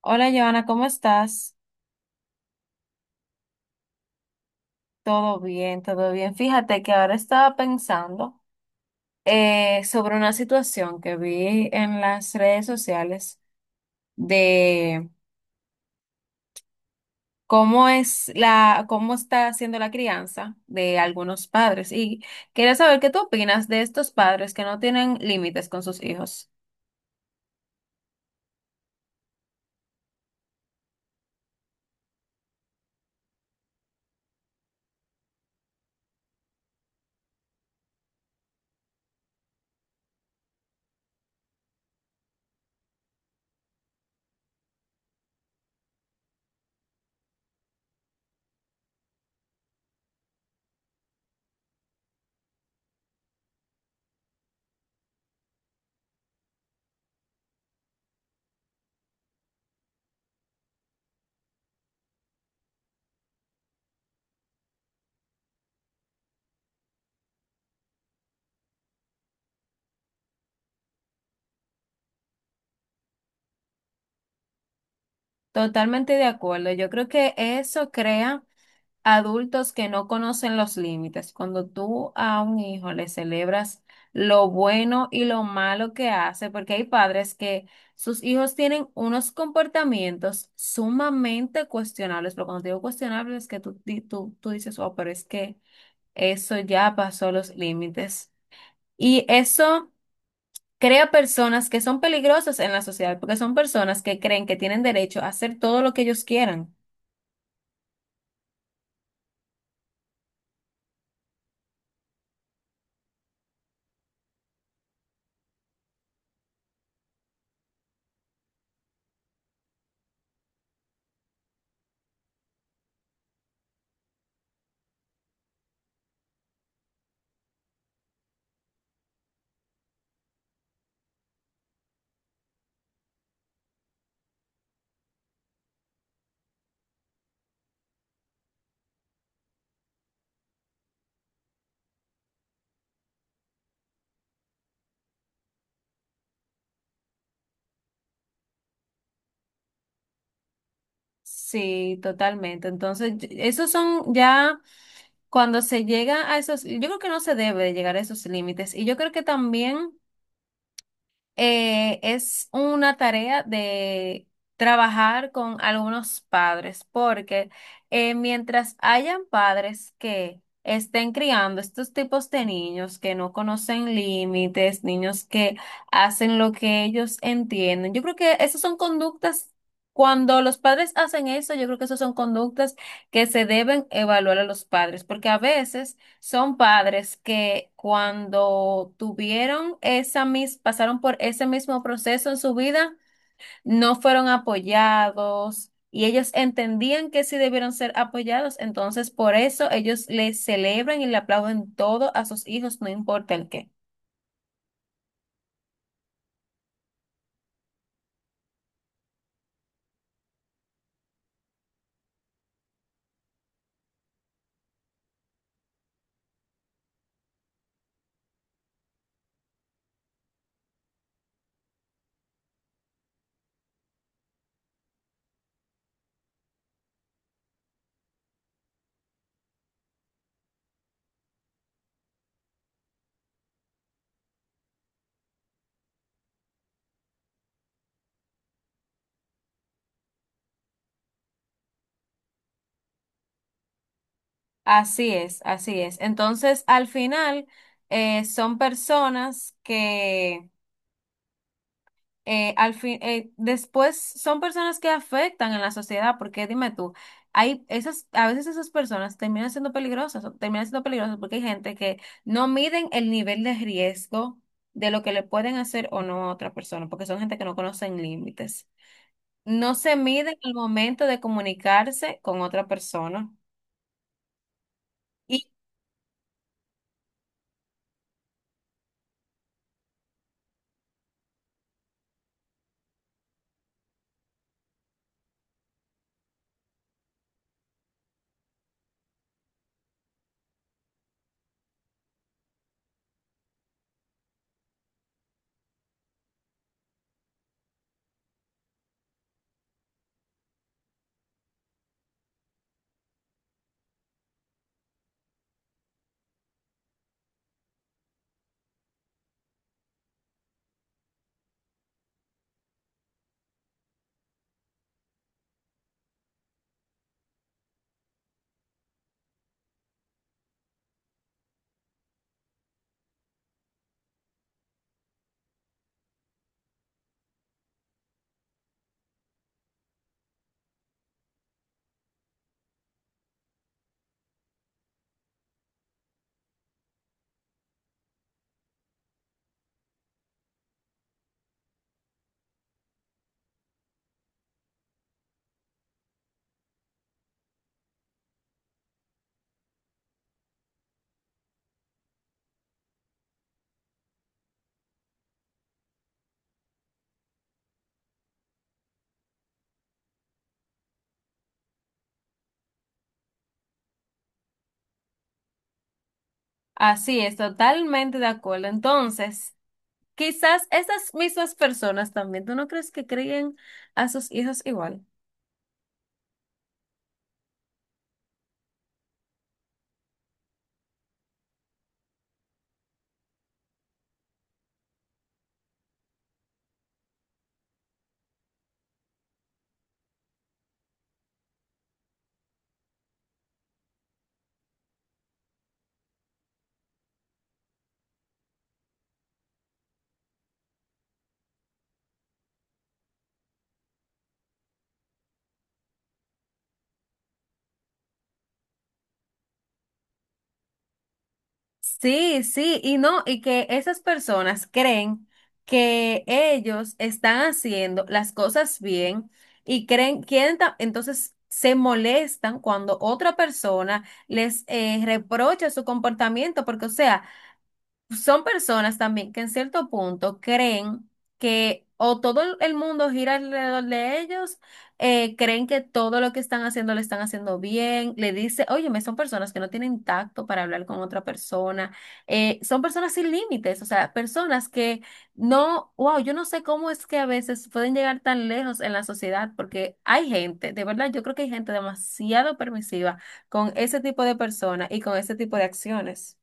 Hola, Joana, ¿cómo estás? Todo bien, todo bien. Fíjate que ahora estaba pensando sobre una situación que vi en las redes sociales de cómo es la, cómo está haciendo la crianza de algunos padres. Y quería saber qué tú opinas de estos padres que no tienen límites con sus hijos. Totalmente de acuerdo. Yo creo que eso crea adultos que no conocen los límites. Cuando tú a un hijo le celebras lo bueno y lo malo que hace, porque hay padres que sus hijos tienen unos comportamientos sumamente cuestionables, pero cuando te digo cuestionables es que tú, tú dices, oh, pero es que eso ya pasó los límites. Y eso crea personas que son peligrosas en la sociedad, porque son personas que creen que tienen derecho a hacer todo lo que ellos quieran. Sí, totalmente. Entonces, esos son ya cuando se llega a esos, yo creo que no se debe de llegar a esos límites. Y yo creo que también es una tarea de trabajar con algunos padres, porque mientras hayan padres que estén criando estos tipos de niños que no conocen límites, niños que hacen lo que ellos entienden, yo creo que esas son conductas. Cuando los padres hacen eso, yo creo que esas son conductas que se deben evaluar a los padres, porque a veces son padres que cuando tuvieron pasaron por ese mismo proceso en su vida, no fueron apoyados y ellos entendían que sí debieron ser apoyados, entonces por eso ellos le celebran y le aplauden todo a sus hijos, no importa el qué. Así es, así es. Entonces, al final, son personas que después son personas que afectan en la sociedad, porque dime tú, a veces esas personas terminan siendo peligrosas, o terminan siendo peligrosas porque hay gente que no miden el nivel de riesgo de lo que le pueden hacer o no a otra persona, porque son gente que no conocen límites. No se miden el momento de comunicarse con otra persona. Y así es, totalmente de acuerdo. Entonces, quizás estas mismas personas también, ¿tú no crees que creen a sus hijos igual? Sí, sí, y no, y que esas personas creen que ellos están haciendo las cosas bien y creen, entonces se molestan cuando otra persona les reprocha su comportamiento, porque o sea, son personas también que en cierto punto creen que o todo el mundo gira alrededor de ellos, creen que todo lo que están haciendo lo están haciendo bien, le dice, óyeme, son personas que no tienen tacto para hablar con otra persona, son personas sin límites, o sea, personas que no, wow, yo no sé cómo es que a veces pueden llegar tan lejos en la sociedad, porque hay gente, de verdad, yo creo que hay gente demasiado permisiva con ese tipo de personas y con ese tipo de acciones.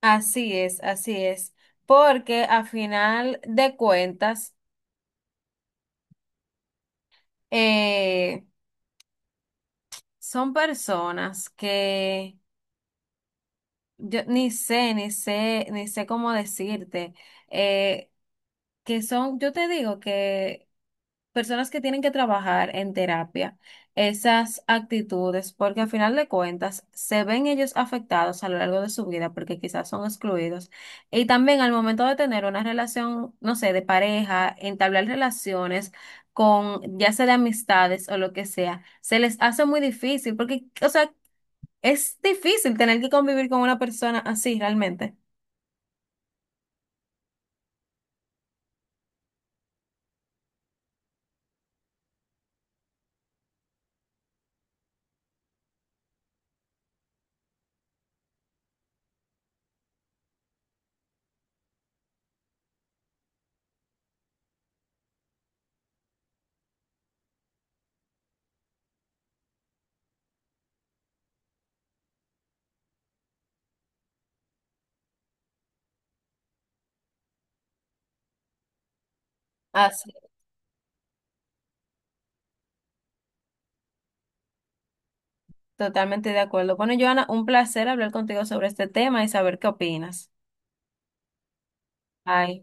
Así es, porque a final de cuentas eh, son personas que yo ni sé, ni sé, ni sé cómo decirte. Eh, que son, yo te digo que personas que tienen que trabajar en terapia, esas actitudes, porque al final de cuentas se ven ellos afectados a lo largo de su vida, porque quizás son excluidos. Y también al momento de tener una relación, no sé, de pareja, entablar relaciones con, ya sea de amistades o lo que sea, se les hace muy difícil, porque, o sea, es difícil tener que convivir con una persona así, realmente. Así, totalmente de acuerdo. Bueno, Joana, un placer hablar contigo sobre este tema y saber qué opinas. Bye.